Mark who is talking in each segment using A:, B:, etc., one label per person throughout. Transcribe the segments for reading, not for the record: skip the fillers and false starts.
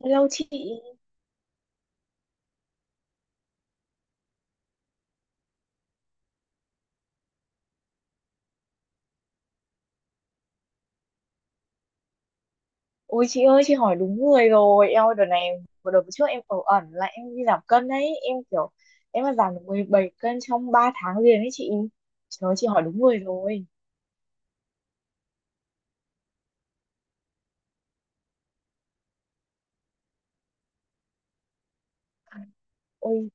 A: Lâu chị. Ôi chị ơi, chị hỏi đúng người rồi. Em ơi, đợt này vừa đợt trước em ở ẩn là em đi giảm cân đấy. Em kiểu em mà giảm được 17 cân trong 3 tháng liền đấy chị. Trời ơi, chị hỏi đúng người rồi. Ôi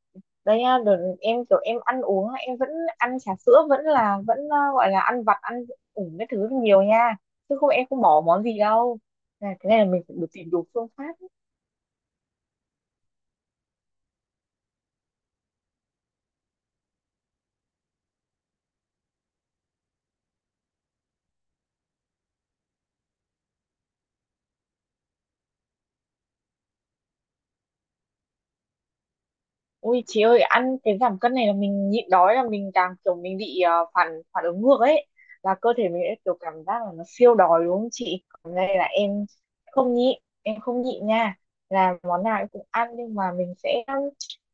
A: đấy nha, đợt em kiểu em ăn uống là em vẫn ăn trà sữa, vẫn là vẫn gọi là ăn vặt, ăn ủng cái thứ nhiều nha. Chứ không em không bỏ món gì đâu. Này, cái này là mình phải được tìm đủ phương pháp. Ui chị ơi, ăn cái giảm cân này là mình nhịn đói là mình càng kiểu mình bị phản phản ứng ngược ấy, là cơ thể mình sẽ kiểu cảm giác là nó siêu đói đúng không chị. Còn đây là em không nhịn, em không nhịn nha, là món nào em cũng ăn, nhưng mà mình sẽ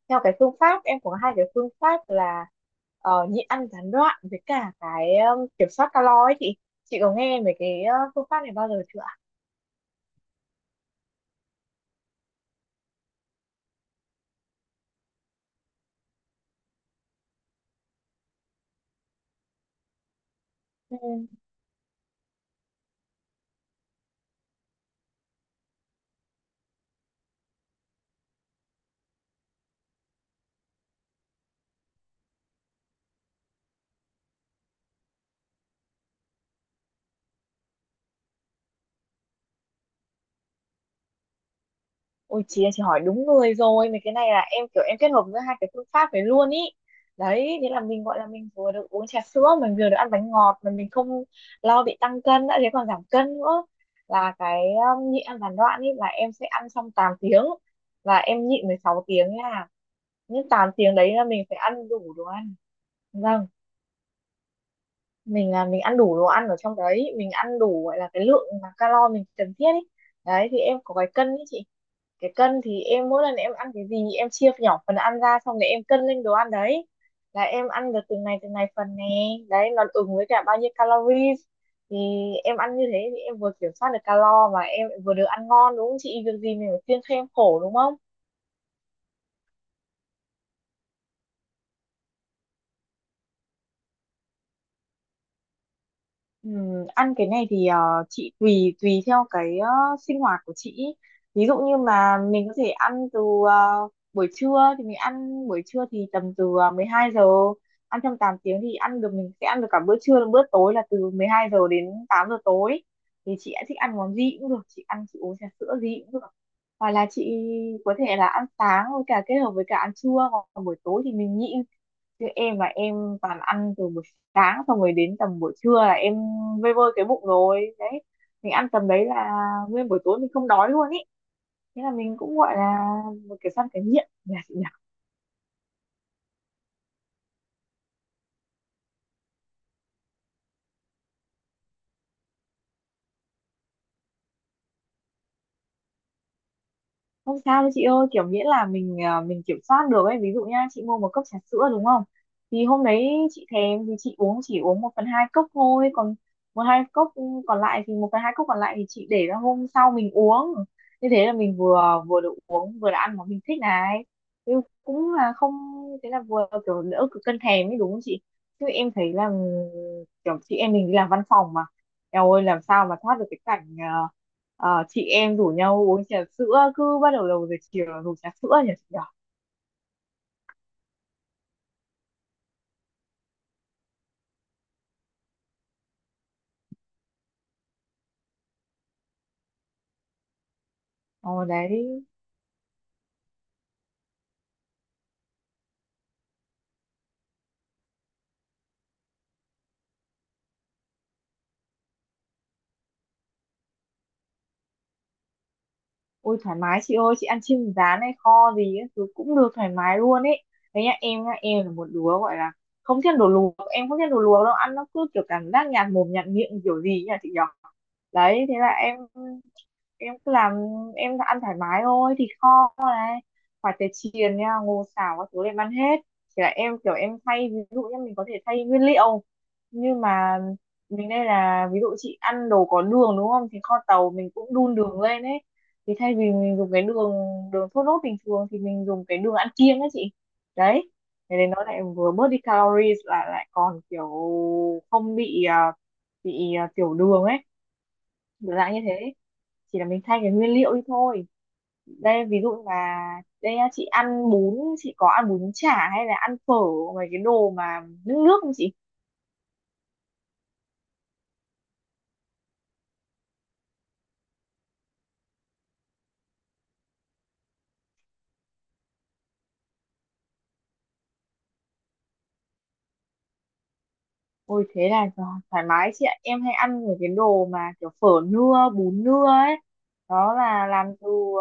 A: theo cái phương pháp. Em có hai cái phương pháp là nhịn ăn gián đoạn với cả cái kiểm soát calo ấy chị. Chị có nghe về cái phương pháp này bao giờ chưa ạ? Ôi chị ơi, chị hỏi đúng người rồi. Mấy cái này là em kiểu em kết hợp giữa hai cái phương pháp này luôn ý. Đấy, thế là mình gọi là mình vừa được uống trà sữa, mình vừa được ăn bánh ngọt, mà mình không lo bị tăng cân đã, thế còn giảm cân nữa. Là cái nhịn ăn gián đoạn ý, là em sẽ ăn trong 8 tiếng và em nhịn 16 tiếng nha. Những 8 tiếng đấy là mình phải ăn đủ đồ ăn. Vâng, mình là mình ăn đủ đồ ăn ở trong đấy, mình ăn đủ gọi là cái lượng mà calo mình cần thiết ý. Đấy, thì em có cái cân ý chị, cái cân thì em mỗi lần em ăn cái gì em chia nhỏ phần ăn ra xong rồi em cân lên đồ ăn đấy, là em ăn được từng này phần nè, đấy nó ứng với cả bao nhiêu calories. Thì em ăn như thế thì em vừa kiểm soát được calo mà em vừa được ăn ngon, đúng không chị, việc gì mình phải kiêng khem khổ đúng không. Ăn cái này thì chị tùy tùy theo cái sinh hoạt của chị ý. Ví dụ như mà mình có thể ăn từ buổi trưa thì mình ăn buổi trưa thì tầm từ 12 giờ, ăn trong 8 tiếng thì ăn được, mình sẽ ăn được cả bữa trưa lẫn bữa tối là từ 12 giờ đến 8 giờ tối, thì chị thích ăn món gì cũng được, chị ăn chị uống trà sữa gì cũng được. Hoặc là chị có thể là ăn sáng với cả kết hợp với cả ăn trưa, còn buổi tối thì mình nhịn. Chứ em là em toàn ăn từ buổi sáng xong rồi đến tầm buổi trưa là em vơi vơi cái bụng rồi đấy, mình ăn tầm đấy là nguyên buổi tối mình không đói luôn ý, thế là mình cũng gọi là một cái săn cái nghiện nhỉ. Không sao đâu chị ơi, kiểu miễn là mình mình kiểm soát được ấy. Ví dụ nha, chị mua một cốc trà sữa đúng không? Thì hôm đấy chị thèm thì chị uống, chỉ uống một phần hai cốc thôi, còn một hai cốc một phần hai cốc còn lại thì chị để ra hôm sau mình uống. Như thế là mình vừa vừa được uống vừa được ăn món mình thích này. Thế cũng là không thế là vừa kiểu đỡ cực cân thèm ấy đúng không chị? Chứ em thấy là kiểu chị em mình đi làm văn phòng mà, eo ơi làm sao mà thoát được cái cảnh chị em rủ nhau uống trà sữa, cứ bắt đầu đầu giờ chiều là rủ trà sữa nhỉ chị nhỉ? Ồ đấy. Ôi thoải mái chị ơi, chị ăn chim rán hay kho gì ấy, thứ cũng được, thoải mái luôn ấy. Đấy nhá, em là một đứa gọi là không thích đồ luộc, em không thích đồ luộc đâu, ăn nó cứ kiểu cảm giác nhạt mồm nhạt miệng kiểu gì ấy nhỉ chị nhỉ. Đấy, thế là em cứ làm, em ăn thoải mái thôi, thịt kho này, khoai tây chiên nha, ngô xào các thứ em ăn hết. Chỉ là em kiểu em thay, ví dụ như mình có thể thay nguyên liệu, nhưng mà mình, đây là ví dụ chị ăn đồ có đường đúng không, thì kho tàu mình cũng đun đường lên ấy, thì thay vì mình dùng cái đường đường thốt nốt bình thường thì mình dùng cái đường ăn kiêng ấy chị. Đấy, thế nên nó lại vừa bớt đi calories, lại lại còn kiểu không bị bị tiểu đường ấy, kiểu dạng như thế. Chỉ là mình thay cái nguyên liệu đi thôi. Đây ví dụ là, đây á, chị ăn bún, chị có ăn bún chả hay là ăn phở, mấy cái đồ mà nước nước không chị? Ôi thế là thoải mái chị ạ. Em hay ăn những cái đồ mà kiểu phở nưa, bún nưa ấy. Đó là làm từ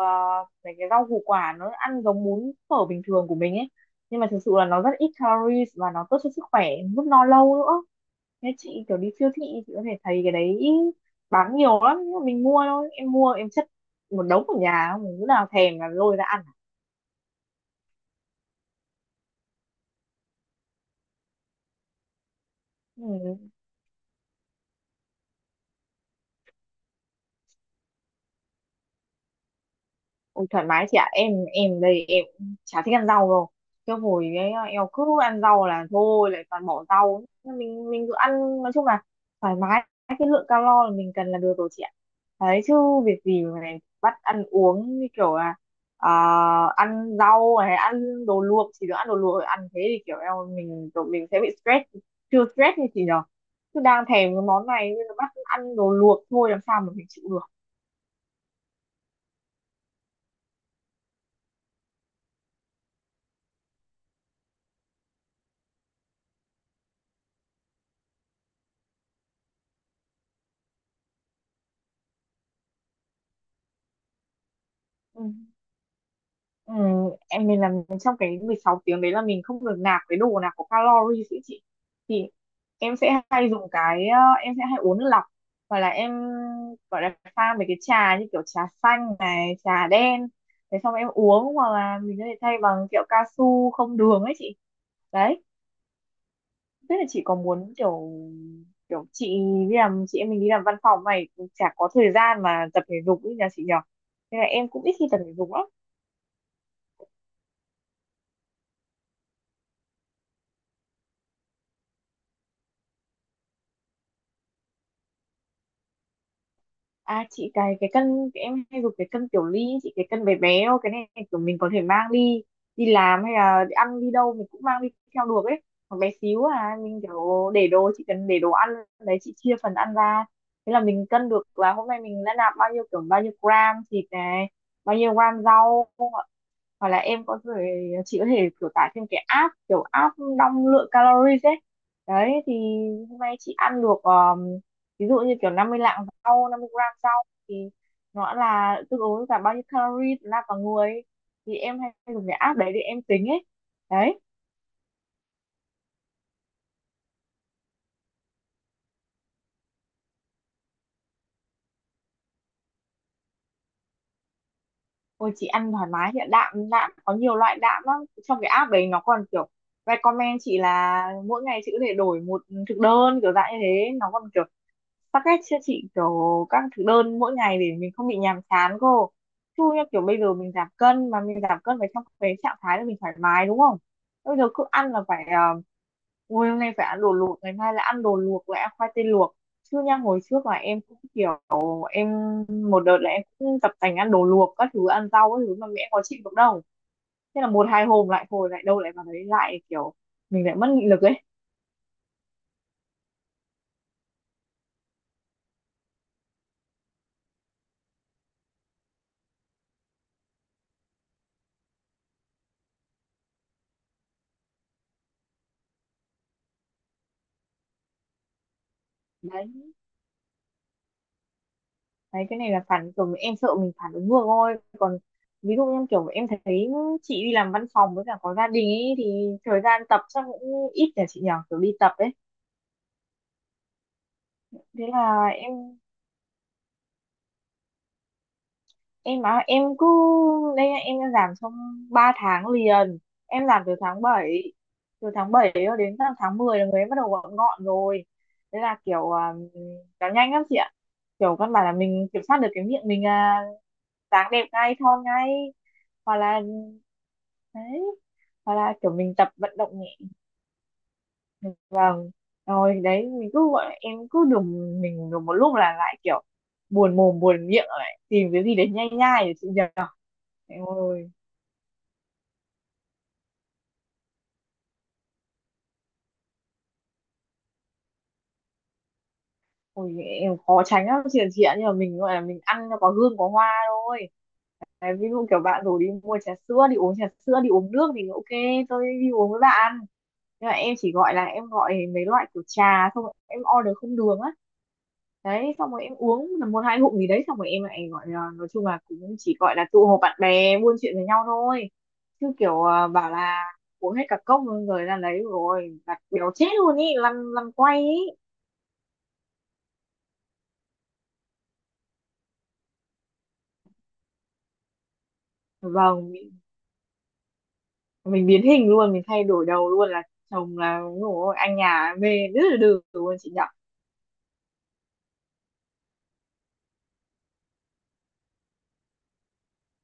A: mấy cái rau củ quả, nó ăn giống bún phở bình thường của mình ấy. Nhưng mà thực sự là nó rất ít calories và nó tốt cho sức khỏe, giúp no lâu nữa. Nên chị kiểu đi siêu thị chị có thể thấy cái đấy bán nhiều lắm. Nhưng mà mình mua thôi. Em mua em chất một đống ở nhà, không lúc nào thèm là lôi ra ăn. Ừ. Ôi, thoải mái chị ạ, em đây em chả thích ăn rau đâu, cái hồi ấy em cứ ăn rau là thôi lại toàn bỏ rau. Mình cứ ăn, nói chung là thoải mái cái lượng calo là mình cần là được rồi chị ạ. Đấy chứ việc gì mà lại bắt ăn uống như kiểu là ờ, ăn rau hay ăn đồ luộc, chỉ được ăn đồ luộc, ăn thế thì kiểu em mình kiểu mình sẽ bị stress. Chưa stress như chị nhở, cứ đang thèm cái món này nên là bắt ăn đồ luộc thôi làm sao mà mình chịu được. Ừ. Ừ, em mình làm trong cái 16 tiếng đấy là mình không được nạp cái đồ nào có calories ý chị, thì em sẽ hay dùng cái em sẽ hay uống nước lọc, hoặc là em gọi là pha mấy cái trà như kiểu trà xanh này trà đen, thế xong em uống, hoặc là mình có thể thay bằng kẹo cao su không đường ấy chị. Đấy, tức là chị có muốn kiểu, kiểu chị đi làm, chị em mình đi làm văn phòng này cũng chả có thời gian mà tập thể dục ý nhà chị nhỉ, nên là em cũng ít khi tập thể dục lắm. À chị, cái cân, cái em hay dùng cái cân kiểu ly ấy chị, cái cân bé bé thôi, cái này kiểu mình có thể mang đi, đi làm hay là đi ăn đi đâu mình cũng mang đi theo được ấy, còn bé xíu à. Mình kiểu để đồ, chị cần để đồ ăn đấy chị, chia phần ăn ra, thế là mình cân được là hôm nay mình đã nạp bao nhiêu, kiểu bao nhiêu gram thịt này, bao nhiêu gram rau không ạ? Hoặc là em có thể, chị có thể kiểu tải thêm cái app, kiểu app đong lượng calories ấy. Đấy thì hôm nay chị ăn được ví dụ như kiểu 50 lạng rau, 50 gram rau thì nó là tương ứng với cả bao nhiêu calorie ra cả người, thì em hay dùng cái app đấy để em tính ấy. Đấy. Ôi chị ăn thoải mái hiện ạ. Đạm đạm có nhiều loại đạm lắm, trong cái app đấy nó còn kiểu recommend chị là mỗi ngày chị có thể đổi một thực đơn, kiểu dạng như thế, nó còn kiểu tắc ghét chưa chị, kiểu các thực đơn mỗi ngày để mình không bị nhàm chán cô. Chứ như kiểu bây giờ mình giảm cân mà mình giảm cân phải trong cái trạng thái là mình thoải mái đúng không? Bây giờ cứ ăn là phải uh, ui hôm nay phải ăn đồ luộc, ngày mai lại ăn đồ luộc, lại ăn khoai tây luộc. Chứ nha hồi trước là em cũng kiểu em một đợt là em cũng tập tành ăn đồ luộc các thứ, ăn rau các thứ mà mẹ có chịu được đâu. Thế là một hai hôm lại hồi lại đâu lại vào đấy, lại kiểu mình lại mất nghị lực ấy. Đấy. Đấy cái này là phản, kiểu em sợ mình phản ứng ngược thôi, còn ví dụ như kiểu em thấy chị đi làm văn phòng với cả có gia đình ấy thì thời gian tập chắc cũng ít nhỉ chị nhỉ, kiểu đi tập ấy. Thế là em á em cứ, đây nhá, em đã làm trong 3 tháng liền, em làm từ tháng 7, cho đến tận tháng 10 là người em bắt đầu gọn gọn rồi. Thế là kiểu nó nhanh lắm chị ạ, kiểu căn bản là mình kiểm soát được cái miệng mình, dáng đẹp ngay, thon ngay. Hoặc là, đấy, hoặc là kiểu mình tập vận động. Vâng, rồi đấy mình cứ gọi, em cứ đùng mình một lúc là lại kiểu buồn mồm buồn miệng lại tìm cái gì để nhai nhai để chị nhờ. Ôi, ôi, em khó tránh lắm chị ạ, nhưng mà mình gọi là mình ăn nó có hương có hoa thôi. Đấy, ví dụ kiểu bạn rủ đi mua trà sữa, đi uống trà sữa đi uống nước thì ok, tôi đi uống với bạn, nhưng mà em chỉ gọi là em gọi mấy loại kiểu trà xong rồi em order không đường á. Đấy xong rồi em uống tầm một hai ngụm gì đấy, xong rồi em lại gọi là, nói chung là cũng chỉ gọi là tụ họp bạn bè buôn chuyện với nhau thôi, chứ kiểu bảo là uống hết cả cốc luôn rồi ra lấy rồi đặt béo chết luôn ý, lăn lăn quay ý. Vâng, mình biến hình luôn, mình thay đổi đầu luôn là chồng là ngủ anh nhà về rất là được luôn chị nhở.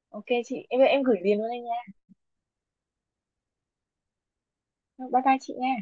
A: Ok chị, em gửi liền luôn anh nha. Bye bye chị nha.